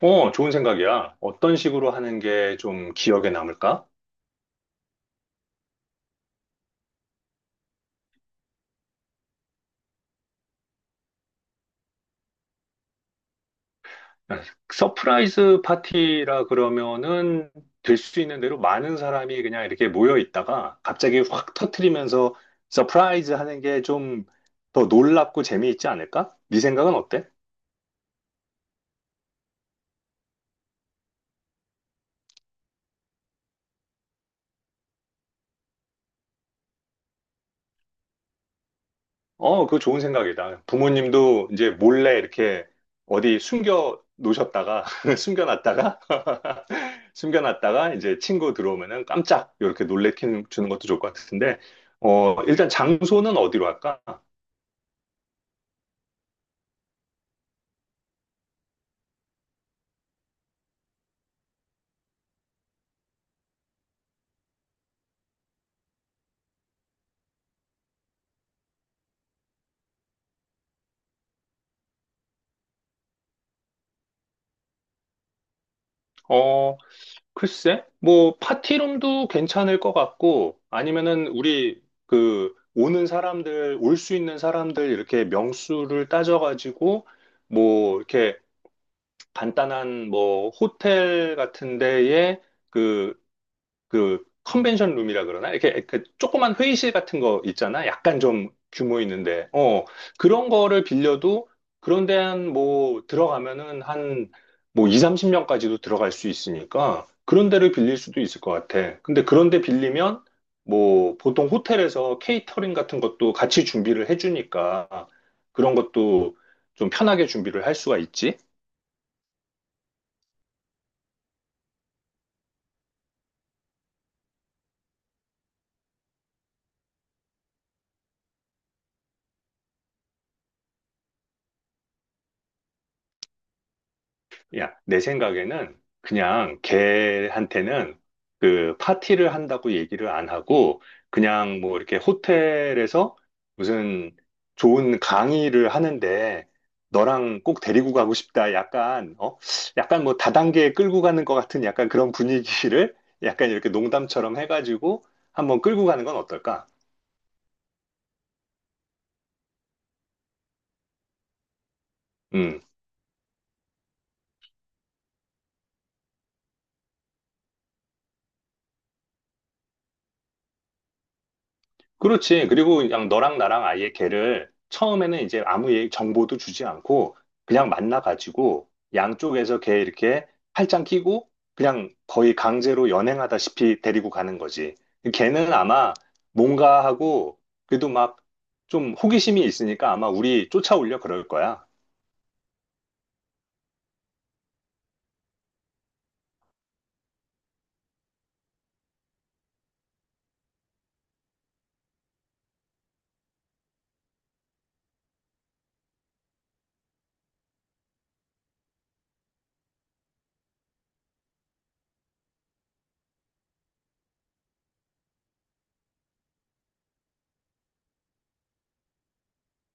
어, 좋은 생각이야. 어떤 식으로 하는 게 좀 기억에 남을까? 서프라이즈 파티라 그러면은 될 수 있는 대로 많은 사람이 그냥 이렇게 모여 있다가 갑자기 확 터트리면서 서프라이즈 하는 게 좀 더 놀랍고 재미있지 않을까? 네 생각은 어때? 어, 그거 좋은 생각이다. 부모님도 이제 몰래 이렇게 어디 숨겨 놓으셨다가, 숨겨놨다가, 숨겨놨다가 이제 친구 들어오면은 깜짝 이렇게 놀래키는 주는 것도 좋을 것 같은데, 어, 일단 장소는 어디로 할까? 어, 글쎄, 뭐, 파티룸도 괜찮을 것 같고, 아니면은 우리 그 오는 사람들, 올 수 있는 사람들 이렇게 명수를 따져가지고, 뭐, 이렇게 간단한 뭐 호텔 같은 데에 그, 그 컨벤션 룸이라 그러나? 이렇게 그 조그만 회의실 같은 거 있잖아. 약간 좀 규모 있는데. 어, 그런 거를 빌려도 그런 데 한 뭐 들어가면은 한 뭐 2, 30명까지도 들어갈 수 있으니까 그런 데를 빌릴 수도 있을 것 같아. 근데 그런 데 빌리면 뭐 보통 호텔에서 케이터링 같은 것도 같이 준비를 해주니까 그런 것도 좀 편하게 준비를 할 수가 있지. 야, 내 생각에는 그냥 걔한테는 그 파티를 한다고 얘기를 안 하고 그냥 뭐 이렇게 호텔에서 무슨 좋은 강의를 하는데 너랑 꼭 데리고 가고 싶다. 약간, 어? 약간 뭐 다단계에 끌고 가는 것 같은 약간 그런 분위기를 약간 이렇게 농담처럼 해가지고 한번 끌고 가는 건 어떨까? 음. 그렇지. 그리고 그냥 너랑 나랑 아예 걔를 처음에는 이제 아무 얘기, 정보도 주지 않고 그냥 만나가지고 양쪽에서 걔 이렇게 팔짱 끼고 그냥 거의 강제로 연행하다시피 데리고 가는 거지. 걔는 아마 뭔가 하고 그래도 막 좀 호기심이 있으니까 아마 우리 쫓아오려 그럴 거야.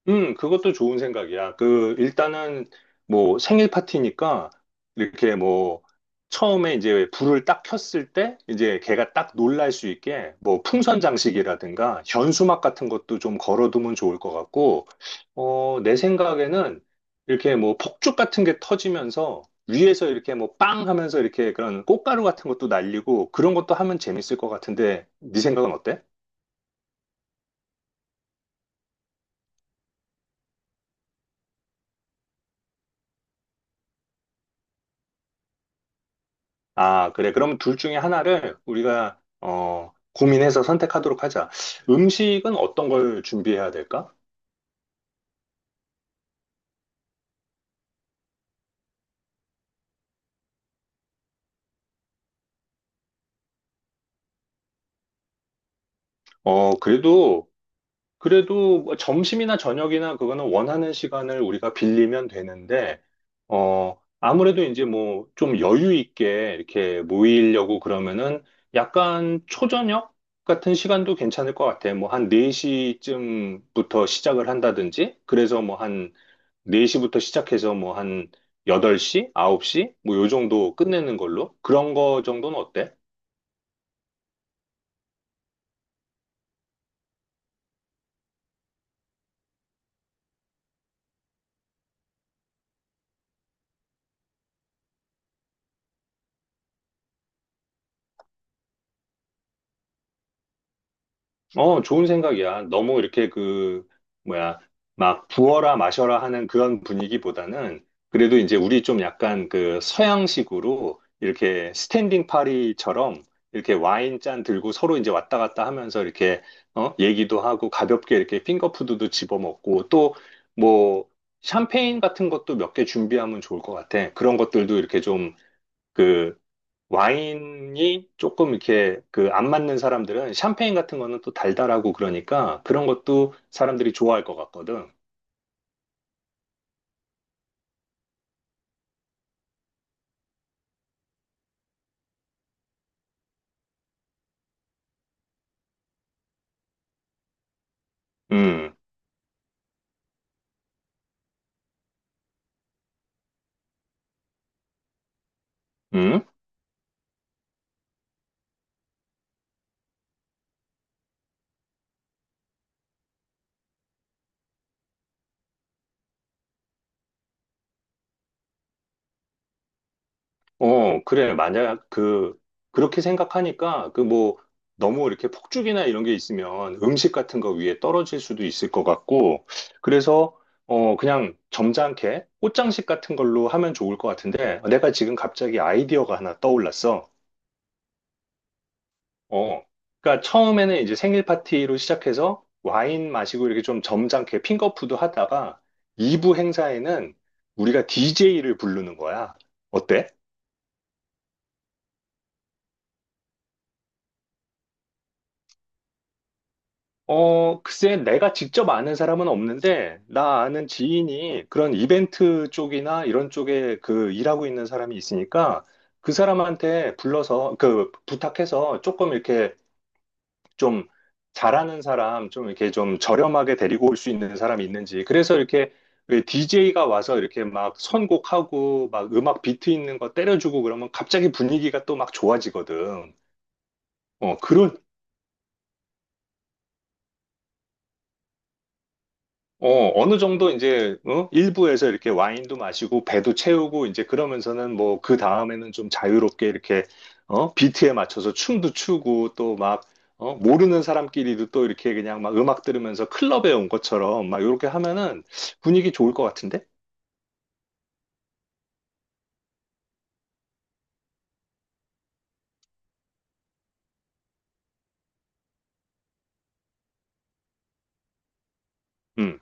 그것도 좋은 생각이야. 그, 일단은, 뭐, 생일 파티니까, 이렇게 뭐, 처음에 이제 불을 딱 켰을 때, 이제 걔가 딱 놀랄 수 있게, 뭐, 풍선 장식이라든가, 현수막 같은 것도 좀 걸어두면 좋을 것 같고, 어, 내 생각에는, 이렇게 뭐, 폭죽 같은 게 터지면서, 위에서 이렇게 뭐, 빵 하면서 이렇게 그런 꽃가루 같은 것도 날리고, 그런 것도 하면 재밌을 것 같은데, 네 생각은 어때? 아, 그래. 그럼 둘 중에 하나를 우리가, 어, 고민해서 선택하도록 하자. 음식은 어떤 걸 준비해야 될까? 어, 그래도 뭐 점심이나 저녁이나 그거는 원하는 시간을 우리가 빌리면 되는데, 어, 아무래도 이제 뭐 좀 여유 있게 이렇게 모이려고 그러면은 약간 초저녁 같은 시간도 괜찮을 것 같아. 뭐 한 4시쯤부터 시작을 한다든지, 그래서 뭐한 4시부터 시작해서 뭐 한 8시, 9시? 뭐 요 정도 끝내는 걸로? 그런 거 정도는 어때? 어, 좋은 생각이야. 너무 이렇게 그, 뭐야, 막 부어라 마셔라 하는 그런 분위기보다는 그래도 이제 우리 좀 약간 그 서양식으로 이렇게 스탠딩 파리처럼 이렇게 와인 잔 들고 서로 이제 왔다 갔다 하면서 이렇게 어, 얘기도 하고 가볍게 이렇게 핑거푸드도 집어먹고 또 뭐 샴페인 같은 것도 몇 개 준비하면 좋을 것 같아. 그런 것들도 이렇게 좀그 와인이 조금 이렇게 그 안 맞는 사람들은 샴페인 같은 거는 또 달달하고 그러니까 그런 것도 사람들이 좋아할 것 같거든. 음. 음. 어, 그래. 만약 그, 그렇게 생각하니까 그 뭐 너무 이렇게 폭죽이나 이런 게 있으면 음식 같은 거 위에 떨어질 수도 있을 것 같고 그래서 어, 그냥 점잖게 꽃장식 같은 걸로 하면 좋을 것 같은데 내가 지금 갑자기 아이디어가 하나 떠올랐어. 어. 그러니까 처음에는 이제 생일 파티로 시작해서 와인 마시고 이렇게 좀 점잖게 핑거푸드 하다가 2부 행사에는 우리가 DJ를 부르는 거야. 어때? 어, 글쎄 내가 직접 아는 사람은 없는데 나 아는 지인이 그런 이벤트 쪽이나 이런 쪽에 그 일하고 있는 사람이 있으니까 그 사람한테 불러서 그 부탁해서 조금 이렇게 좀 잘하는 사람, 좀 이렇게 좀 저렴하게 데리고 올 수 있는 사람이 있는지. 그래서 이렇게 DJ가 와서 이렇게 막 선곡하고 막 음악 비트 있는 거 때려주고 그러면 갑자기 분위기가 또 막 좋아지거든. 어, 그런, 어, 어느 정도 이제, 어? 일부에서 이렇게 와인도 마시고, 배도 채우고, 이제 그러면서는 뭐, 그 다음에는 좀 자유롭게 이렇게, 어? 비트에 맞춰서 춤도 추고, 또 막, 어? 모르는 사람끼리도 또 이렇게 그냥 막 음악 들으면서 클럽에 온 것처럼 막 이렇게 하면은 분위기 좋을 것 같은데? 음.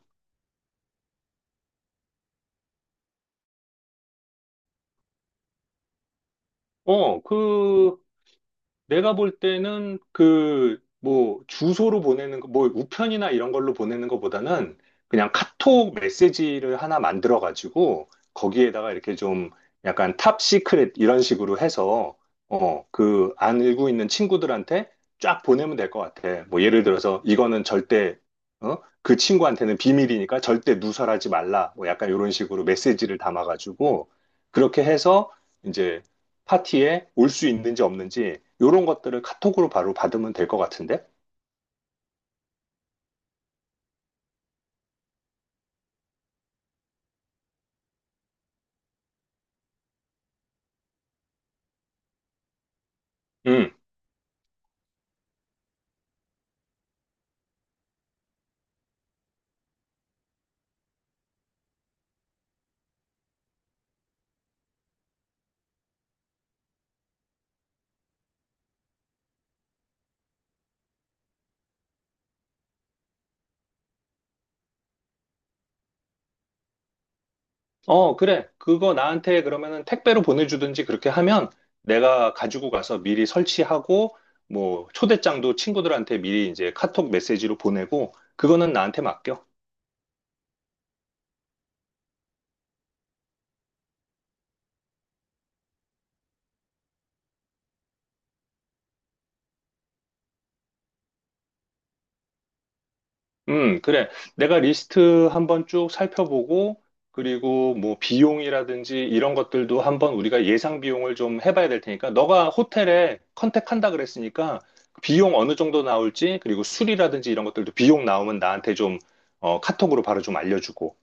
어, 그, 내가 볼 때는 그 뭐 주소로 보내는 거, 뭐 우편이나 이런 걸로 보내는 것보다는 그냥 카톡 메시지를 하나 만들어 가지고 거기에다가 이렇게 좀 약간 탑 시크릿 이런 식으로 해서 어, 그 알고 있는 친구들한테 쫙 보내면 될 것 같아. 뭐 예를 들어서 이거는 절대 어? 그 친구한테는 비밀이니까 절대 누설하지 말라. 뭐 약간 이런 식으로 메시지를 담아 가지고 그렇게 해서 이제 파티에 올 수 있는지 없는지 이런 것들을 카톡으로 바로 받으면 될 것 같은데? 음. 어, 그래. 그거 나한테 그러면은 택배로 보내주든지 그렇게 하면 내가 가지고 가서 미리 설치하고 뭐 초대장도 친구들한테 미리 이제 카톡 메시지로 보내고 그거는 나한테 맡겨. 그래. 내가 리스트 한번 쭉 살펴보고, 그리고 뭐 비용이라든지 이런 것들도 한번 우리가 예상 비용을 좀 해봐야 될 테니까, 너가 호텔에 컨택한다 그랬으니까, 비용 어느 정도 나올지, 그리고 술이라든지 이런 것들도 비용 나오면 나한테 좀, 어, 카톡으로 바로 좀 알려주고.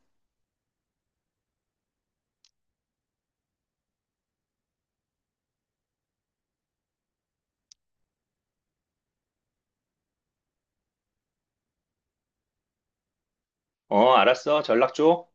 어, 알았어. 전락 줘.